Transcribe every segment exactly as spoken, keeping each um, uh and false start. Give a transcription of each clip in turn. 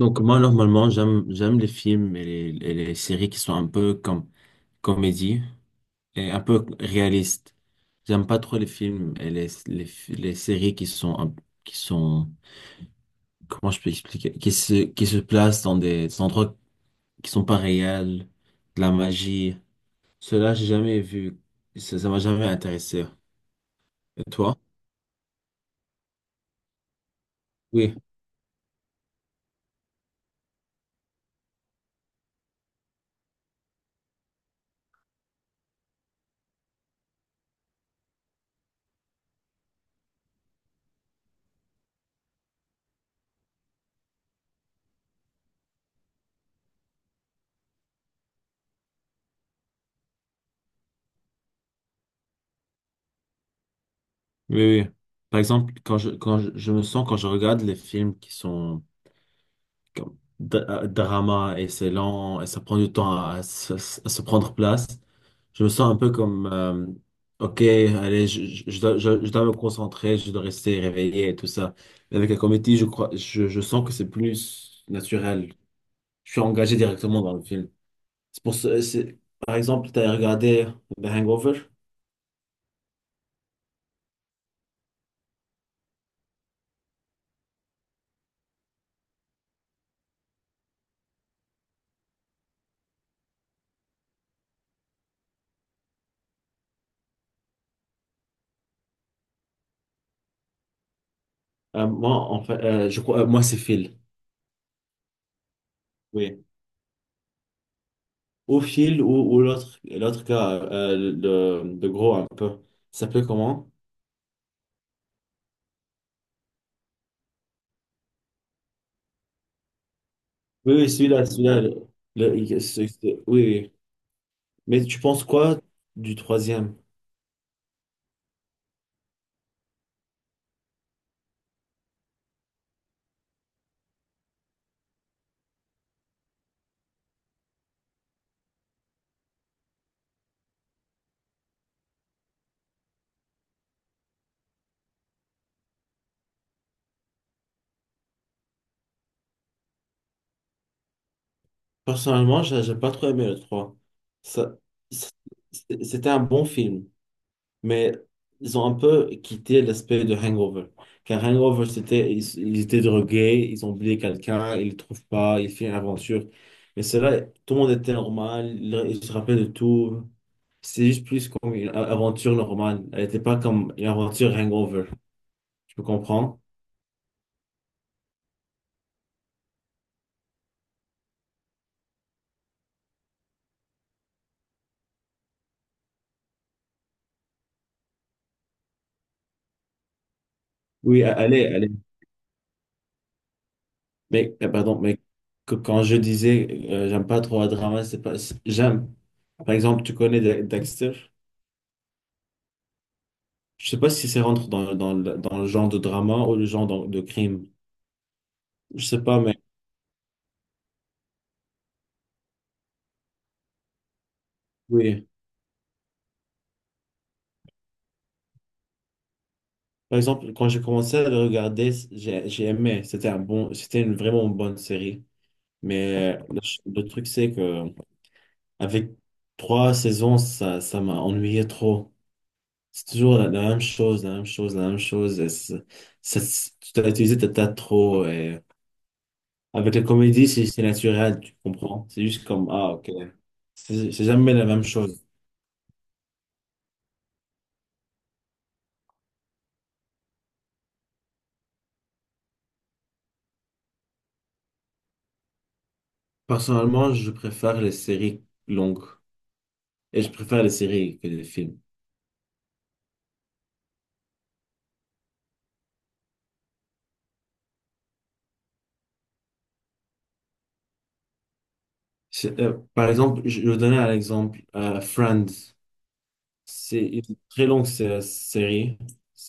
Donc moi normalement j'aime j'aime les films et les, et les séries qui sont un peu comme comédie et un peu réaliste. J'aime pas trop les films et les, les, les séries qui sont un- qui sont, comment je peux expliquer, qui se qui se placent dans des endroits qui sont pas réels, de la magie. Cela, j'ai jamais vu. Ça, ça m'a jamais intéressé. Et toi? Oui, oui, oui. Par exemple, quand je quand je, je me sens quand je regarde les films qui sont comme dra- euh, drama, et c'est lent, et ça prend du temps à, se à se prendre place. Je me sens un peu comme, euh, ok, allez, je, je, je dois, je, je dois me concentrer, je dois rester réveillé et tout ça. Mais avec la comédie, je crois, je, je sens que c'est plus naturel. Je suis engagé directement dans le film. C'est pour ce- c'est, par exemple, tu as regardé The Hangover. Euh, moi, en fait, euh, je crois, euh, moi, c'est Phil. Oui. Ou Phil, ou, ou l'autre, l'autre gars, euh, le, le gros un peu. Il s'appelait comment? Oui, oui, celui-là, celui-là. Le- le- il- c'est- c'est- oui, oui. Mais tu penses quoi du troisième? Personnellement, j'ai j'ai pas trop aimé le trois. Ça, c'est- c'était un bon film, mais ils ont un peu quitté l'aspect de Hangover. Car Hangover, c'était, ils, ils étaient drogués, ils ont oublié quelqu'un, ils le trouvent pas, ils font une aventure. Mais cela, tout le monde était normal, ils ils se rappellent de tout. C'est juste plus comme une a- aventure normale. Elle n'était pas comme une aventure Hangover. Tu peux comprendre? Oui, a- allez, allez. Mais, euh, pardon, mais que- quand je disais euh, j'aime pas trop un drama, c'est pas. c'est- J'aime. Par exemple, tu connais Da- Dexter. Je sais pas si c'est rentre dans, dans, le dans le genre de drama ou le genre de, de crime. Je sais pas, mais oui. Par exemple, quand j'ai commencé à le regarder, c- j'ai j'ai aimé. C'était un bon, c'était une vraiment bonne série. Mais euh, le, ch- le truc, c'est que avec trois saisons, ça, ça m'a ennuyé trop. C'est toujours la, la même chose, la même chose, la même chose. Et c'est- ça- c'est- tu t'as utilisé ta tas trop. Et... Avec la comédie, c'est c'est naturel, tu comprends. C'est juste comme, ah, ok. C'est c'est jamais la même chose. Personnellement, je préfère les séries longues. Et je préfère les séries que les films. C'est- euh, par exemple, je je vais donner un exemple. euh, Friends. C'est une très longue sé- série.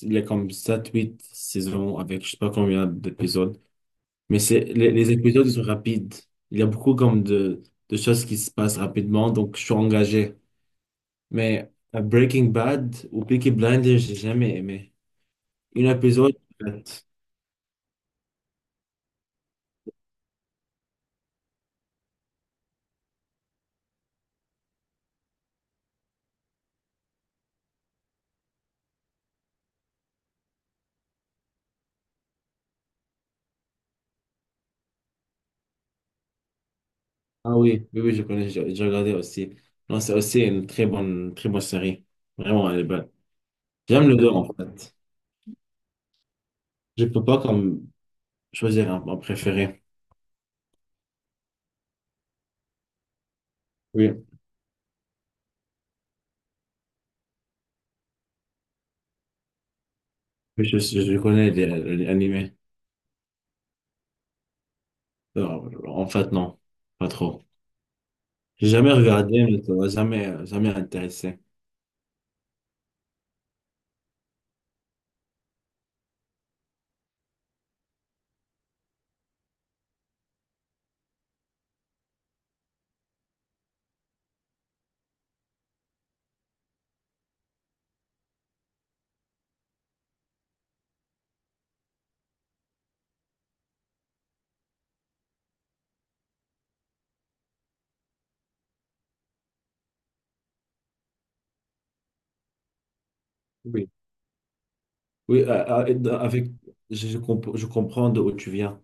Il y a comme sept huit saisons avec je sais pas combien d'épisodes. Mais c'est, les, les épisodes, ils sont rapides. Il y a beaucoup comme de, de choses qui se passent rapidement, donc je suis engagé. Mais euh, Breaking Bad ou Peaky Blinders, j'ai jamais aimé. Une épisode, en fait. Ah oui, oui, oui, je connais, j'ai j'ai regardé aussi. Non, c'est aussi une très bonne, très bonne série. Vraiment, elle est bonne. J'aime les deux, en fait. Je peux pas comme choisir un, un préféré. Oui, mais je, je connais les, les animés. Alors, en fait, non, pas trop. J'ai jamais regardé, mais ça m'a jamais, euh, jamais intéressé. Oui, oui, euh, euh, et avec, je, je comp- je comprends d'où tu viens.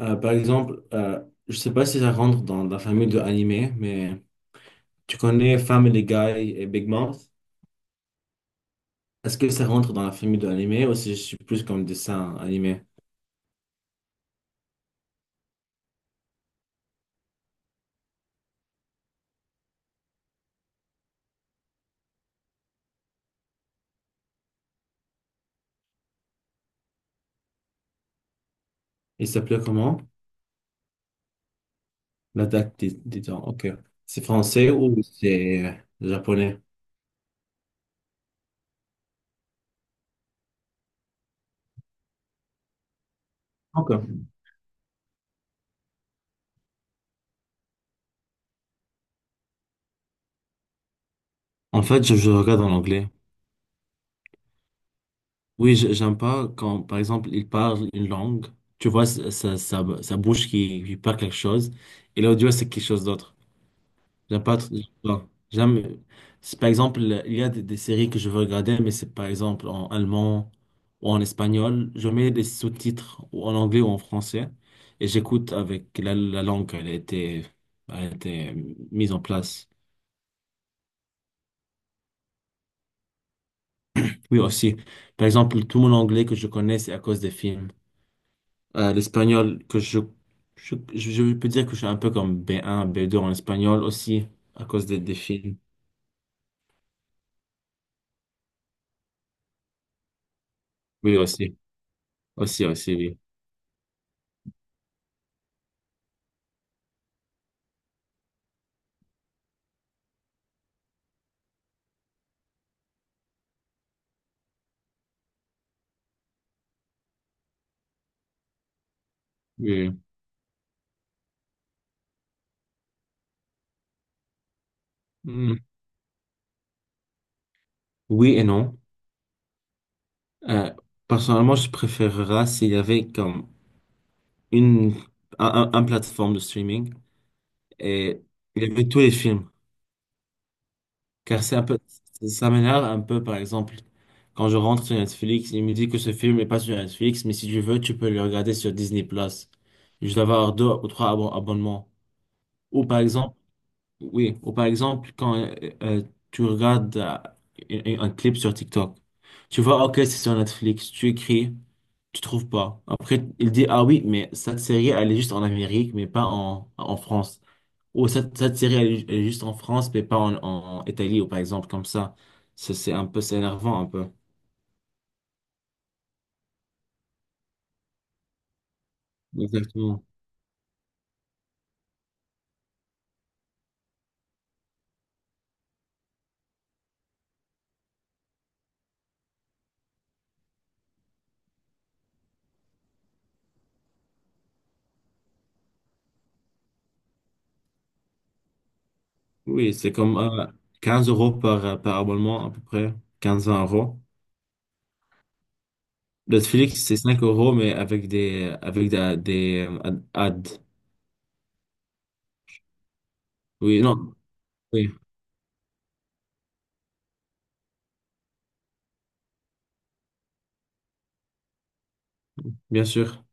Euh, par exemple, euh, je sais pas si ça rentre dans la famille de animé, mais tu connais Family Guy et Big Mouth? Est-ce que ça rentre dans la famille de animé ou si je suis plus comme dessin animé? Il s'appelait comment? L'Attaque des, des Titans. Ok. C'est français ou c'est japonais? Ok. En fait, je, je regarde en anglais. Oui, je- j'aime pas quand, par exemple, il parle une langue, tu vois sa, sa, sa, sa bouche qui, qui parle quelque chose, et l'audio, c'est quelque chose d'autre. J'aime pas, tr- non, j'aime, c'est par exemple, il y a des, des séries que je veux regarder, mais c'est par exemple en allemand ou en espagnol, je mets des sous-titres ou en anglais ou en français, et j'écoute avec la, la langue, elle a été, elle a été mise en place. Oui, aussi, par exemple, tout mon anglais que je connais, c'est à cause des films. Euh, l'espagnol, que je, je, je je peux dire que je suis un peu comme B un, B deux en espagnol aussi, à cause des, des films. Oui, aussi. Aussi, aussi, oui. Oui, oui. Mm. Oui et non. Euh, Personnellement, je préférerais s'il y avait comme une, un, un- un plateforme de streaming et il y avait tous les films. Car c'est un peu, ça m'énerve un peu, par exemple, quand je rentre sur Netflix, il me dit que ce film n'est pas sur Netflix, mais si tu veux, tu peux le regarder sur Disney+. Plus je dois avoir deux ou trois abo- abonnements. Ou par exemple, oui, ou par exemple, quand euh, euh, tu regardes euh, un, un clip sur TikTok, tu vois, ok, c'est sur Netflix, tu écris, tu trouves pas. Après, il dit, ah oui, mais cette série, elle est juste en Amérique, mais pas en, en France. Ou cette, cette série, elle est, elle est juste en France, mais pas en, en Italie, ou par exemple, comme ça. Ça, c'est un peu, c'est énervant, un peu. Exactement. Oui, c'est comme euh, quinze euros par, par abonnement, à peu près, quinze-vingt euros. Netflix, c'est cinq euros, mais avec des, avec des, des euh, ad- ads. Oui, non, oui, bien sûr.